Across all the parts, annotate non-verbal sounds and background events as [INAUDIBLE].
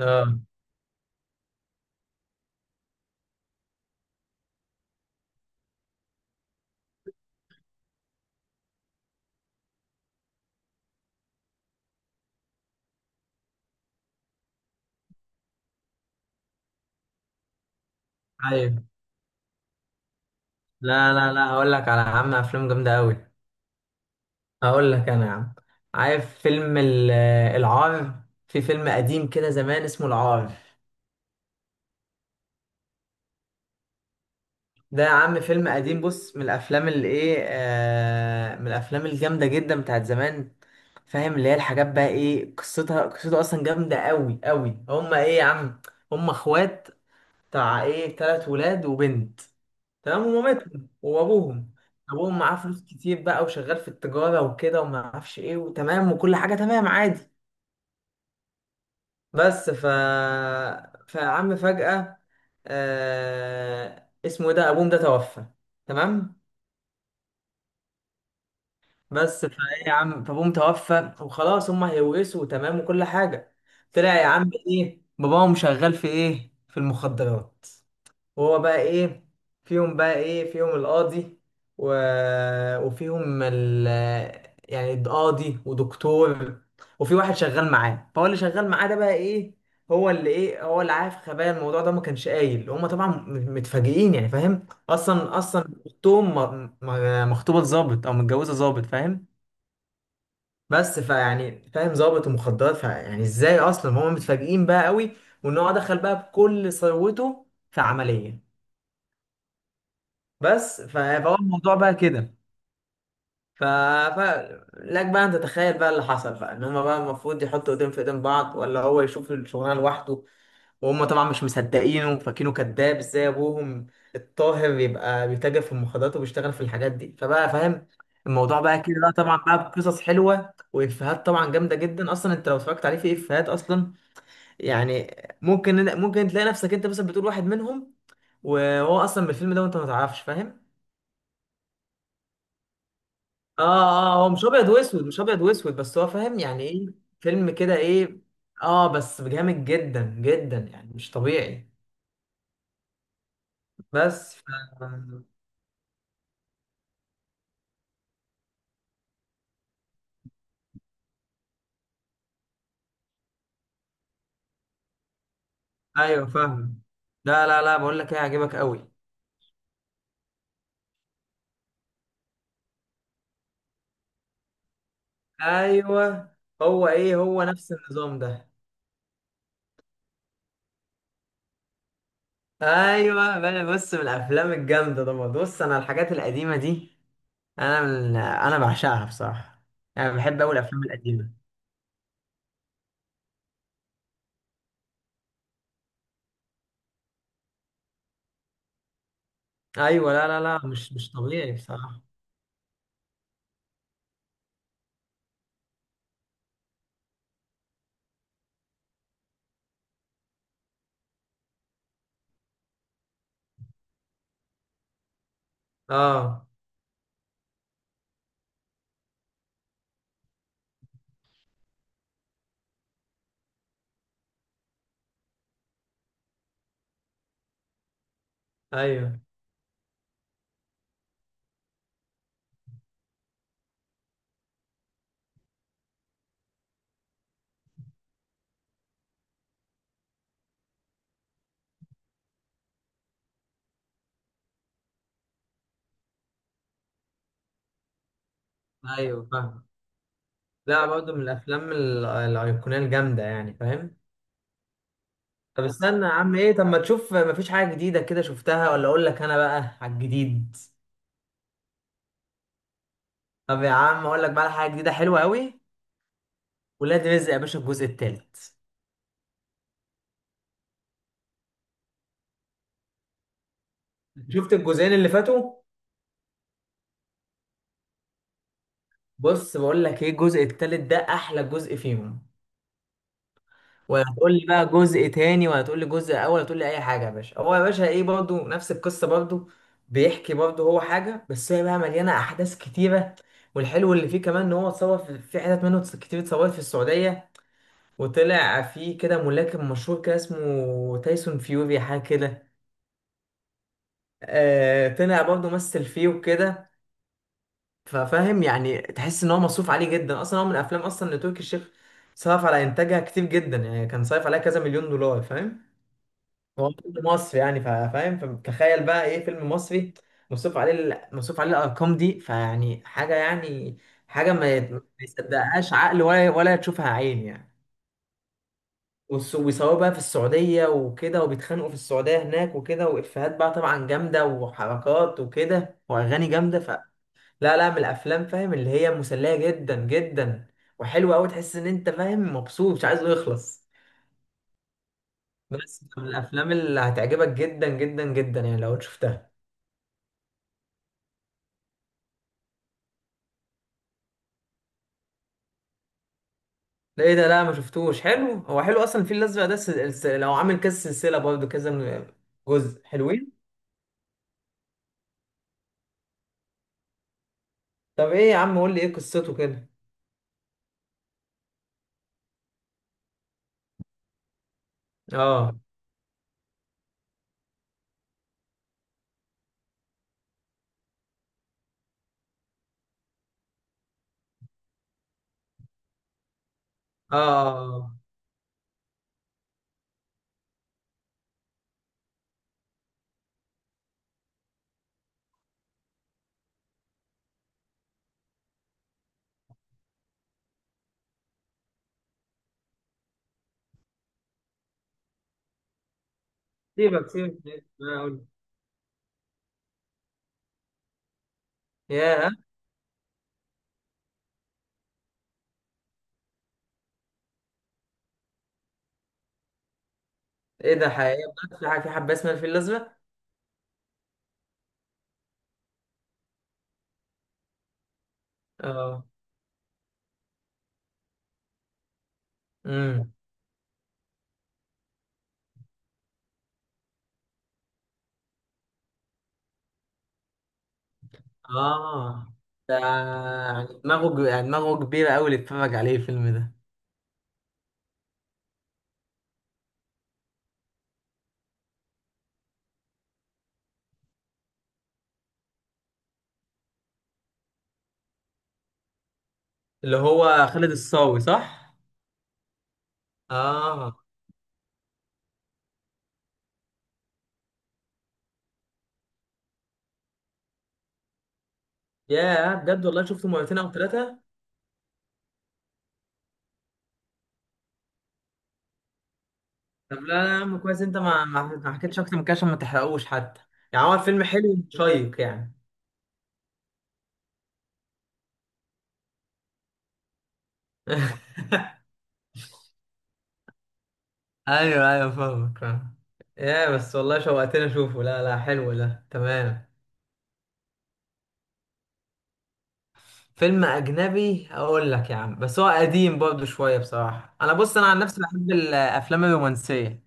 اه، ايوه. لا لا لا، هقول لك على عم افلام جامده قوي. هقول لك انا يا عم، عارف فيلم العار؟ في فيلم قديم كده زمان اسمه العار. ده يا عم فيلم قديم، بص، من الافلام اللي ايه آه من الافلام الجامده جدا بتاعت زمان، فاهم؟ اللي هي الحاجات بقى، ايه قصتها؟ قصته اصلا جامده قوي قوي. هما ايه يا عم، هما اخوات، بتاع ايه، تلات ولاد وبنت، تمام؟ ومامتهم وابوهم. ابوهم معاه فلوس كتير بقى وشغال في التجاره وكده وما اعرفش ايه، وتمام وكل حاجه تمام عادي. بس ف فعم فجاه، اسمه إيه ده، ابوهم ده توفى، تمام؟ بس فايه يا عم، فابوهم توفى وخلاص، هم هيورثوا تمام وكل حاجه. طلع يا عم ايه، باباهم شغال في ايه، في المخدرات. وهو بقى ايه، فيهم بقى ايه، فيهم القاضي و... وفيهم ال... يعني القاضي ودكتور، وفي واحد شغال معاه، فهو اللي شغال معاه ده بقى ايه، هو اللي ايه، هو اللي عارف خبايا الموضوع ده، ما كانش قايل. هما طبعا متفاجئين يعني، فاهم؟ اصلا اختهم مخطوبه ظابط او متجوزه ظابط، فاهم؟ بس فيعني فاهم، ظابط ومخدرات، فيعني ازاي، اصلا هما متفاجئين بقى قوي، وان هو دخل بقى بكل ثروته في عمليه. بس فهو الموضوع بقى كده. ف... ف... لك بقى انت تتخيل بقى اللي حصل، بقى ان هما بقى المفروض يحطوا ايدين في ايدين بعض، ولا هو يشوف الشغلانه لوحده، وهم طبعا مش مصدقينه وفاكينه كذاب، ازاي ابوهم الطاهر يبقى بيتاجر في المخدرات وبيشتغل في الحاجات دي، فبقى فاهم الموضوع بقى كده بقى. طبعا بقى بقصص حلوه وافيهات طبعا جامده جدا، اصلا انت لو اتفرجت عليه، في افيهات اصلا يعني ممكن، ممكن تلاقي نفسك انت مثلا بتقول واحد منهم، وهو اصلا بالفيلم ده وانت ما تعرفش، فاهم؟ اه، اه، هو مش ابيض واسود، مش ابيض واسود، بس هو فاهم يعني ايه، فيلم كده ايه. اه بس جامد جدا جدا يعني مش طبيعي. بس ف... ايوه فاهم. لا لا لا، بقول لك ايه، هيعجبك قوي. ايوه، هو ايه، هو نفس النظام ده. ايوه بقى، بص، من الافلام الجامده ده. بص انا الحاجات القديمه دي، انا بعشقها بصراحه، يعني بحب قوي الافلام القديمه. ايوه، لا لا لا، مش مش طبيعي بصراحه. اه، ايوه ايوه فاهم. لا برضه من الافلام الايقونيه الجامده يعني، فاهم؟ طب استنى يا عم، ايه، طب ما تشوف مفيش حاجه جديده كده شفتها، ولا اقول لك انا بقى على الجديد؟ طب يا عم اقول لك بقى على حاجه جديده حلوه قوي: ولاد رزق يا باشا الجزء الثالث. شفت الجزئين اللي فاتوا؟ بص بقول لك ايه، الجزء الثالث ده احلى جزء فيهم. وهتقول لي بقى جزء تاني، وهتقول لي جزء اول، هتقول لي اي حاجه يا باشا. هو يا باشا ايه، برضو نفس القصه برضو، بيحكي برضو هو حاجه، بس هي بقى مليانه احداث كتيره. والحلو اللي فيه كمان ان هو اتصور في، في حتت منه كتير اتصورت في السعوديه، وطلع فيه كده ملاكم مشهور كده اسمه تايسون فيوري حاجه كده، آه، طلع برضو مثل فيه وكده. ففاهم يعني، تحس ان هو مصروف عليه جدا. اصلا هو من الافلام اصلا اللي تركي الشيخ صرف على انتاجها كتير جدا يعني، كان صرف عليها كذا مليون دولار، فاهم؟ هو فيلم مصري يعني، فاهم؟ فتخيل بقى ايه، فيلم مصري مصروف عليه مصروف عليه الارقام دي، فيعني حاجه يعني، حاجه ما يصدقهاش عقل ولا تشوفها عين يعني. ويصوروا بقى في السعوديه وكده، وبيتخانقوا في السعوديه هناك وكده، وافيهات بقى طبعا جامده وحركات وكده واغاني جامده. ف لا لا، من الافلام فاهم اللي هي مسليه جدا جدا وحلوه قوي، تحس ان انت فاهم مبسوط مش عايزه يخلص. بس من الافلام اللي هتعجبك جدا جدا جدا يعني لو شفتها. ده ايه ده؟ لا ما شفتوش. حلو، هو حلو اصلا الفيل الازرق ده. لو عامل كذا سلسله، برضه كذا جزء حلوين. طب ايه يا عم، قول لي ايه قصته كده. اه، اه، سيبك ما اقول. يا، ايه ده، حقيقة بقى؟ في حاجه، في حبه اسمها الفيل الازرق؟ اه، امم، اه، ده يعني دماغه يعني دماغه كبيره قوي اللي اتفرج عليه الفيلم ده. اللي هو خالد الصاوي، صح؟ اه. يا بجد، والله شفته مرتين او ثلاثه؟ طب لا لا يا عم كويس انت ما حكيتش اكتر من كده عشان ما تحرقوش حتى، يعني هو الفيلم حلو وشيق يعني. [LAUGHS] ايوه ايوه فاهمك فاهم. يا بس والله شوقتني اشوفه. لا لا حلو ده، تمام. فيلم اجنبي اقول لك يا عم، بس هو قديم برضه شويه بصراحه. انا بص، انا عن نفسي بحب الافلام الرومانسيه.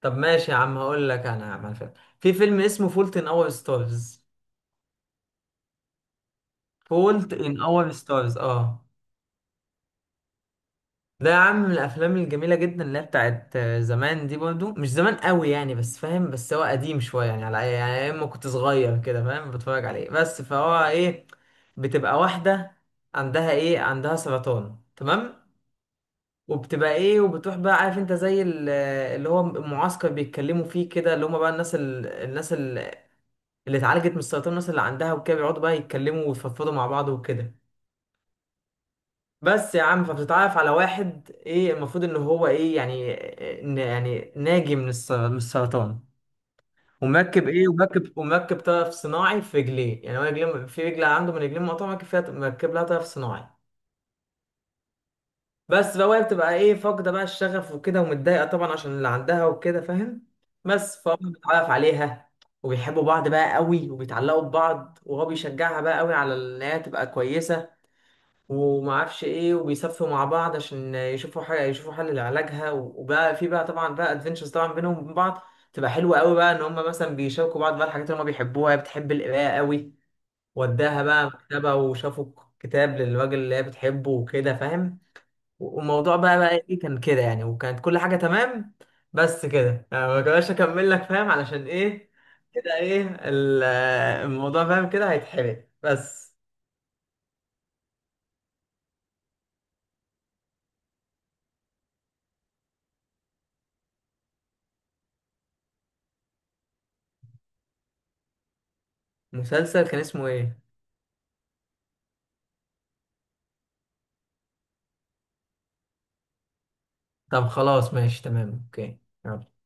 طب ماشي يا عم، هقول لك انا يا عم على الفيلم. في فيلم اسمه فولت ان اور ستارز. فولت ان اور ستارز، اه. ده يا عم من الافلام الجميله جدا، اللي هي بتاعت زمان دي، برضو مش زمان قوي يعني، بس فاهم بس هو قديم شويه يعني، على يعني اما كنت صغير كده فاهم بتفرج عليه. بس فهو ايه، بتبقى واحده عندها ايه، عندها سرطان، تمام؟ وبتبقى ايه، وبتروح بقى، عارف انت، زي اللي هو المعسكر بيتكلموا فيه كده، اللي هم بقى اللي اتعالجت من السرطان، الناس اللي عندها وكده، بيقعدوا بقى يتكلموا ويفضفضوا مع بعض وكده. بس يا عم فبتتعرف على واحد، ايه المفروض ان هو ايه يعني، يعني ناجي من السرطان، ومركب ايه، ومركب طرف صناعي في رجليه، يعني هو رجليه، في رجل عنده من رجليه مقطوعه مركب فيها، مركب لها طرف صناعي. بس بقى، وهي بتبقى ايه فاقده بقى الشغف وكده، ومتضايقه طبعا عشان اللي عندها وكده، فاهم؟ بس فهو بيتعرف عليها، وبيحبوا بعض بقى قوي وبيتعلقوا ببعض، وهو بيشجعها بقى قوي على ان هي تبقى كويسه وما اعرفش ايه، وبيسافروا مع بعض عشان يشوفوا حاجه، يشوفوا حل لعلاجها، وبقى في بقى طبعا بقى ادفنتشرز طبعا بينهم وبين بعض، تبقى حلوه قوي بقى ان هم مثلا بيشاركوا بعض بقى الحاجات اللي هم بيحبوها. هي بتحب القرايه قوي، وداها بقى مكتبه وشافوا كتاب للراجل اللي هي بتحبه وكده، فاهم؟ والموضوع بقى بقى ايه، كان كده يعني وكانت كل حاجه تمام. بس كده يعني، ما كناش اكمل لك فاهم علشان ايه، كده ايه الموضوع فاهم كده هيتحرق بس. مسلسل كان اسمه ايه؟ طب خلاص ماشي تمام، اوكي. يلا.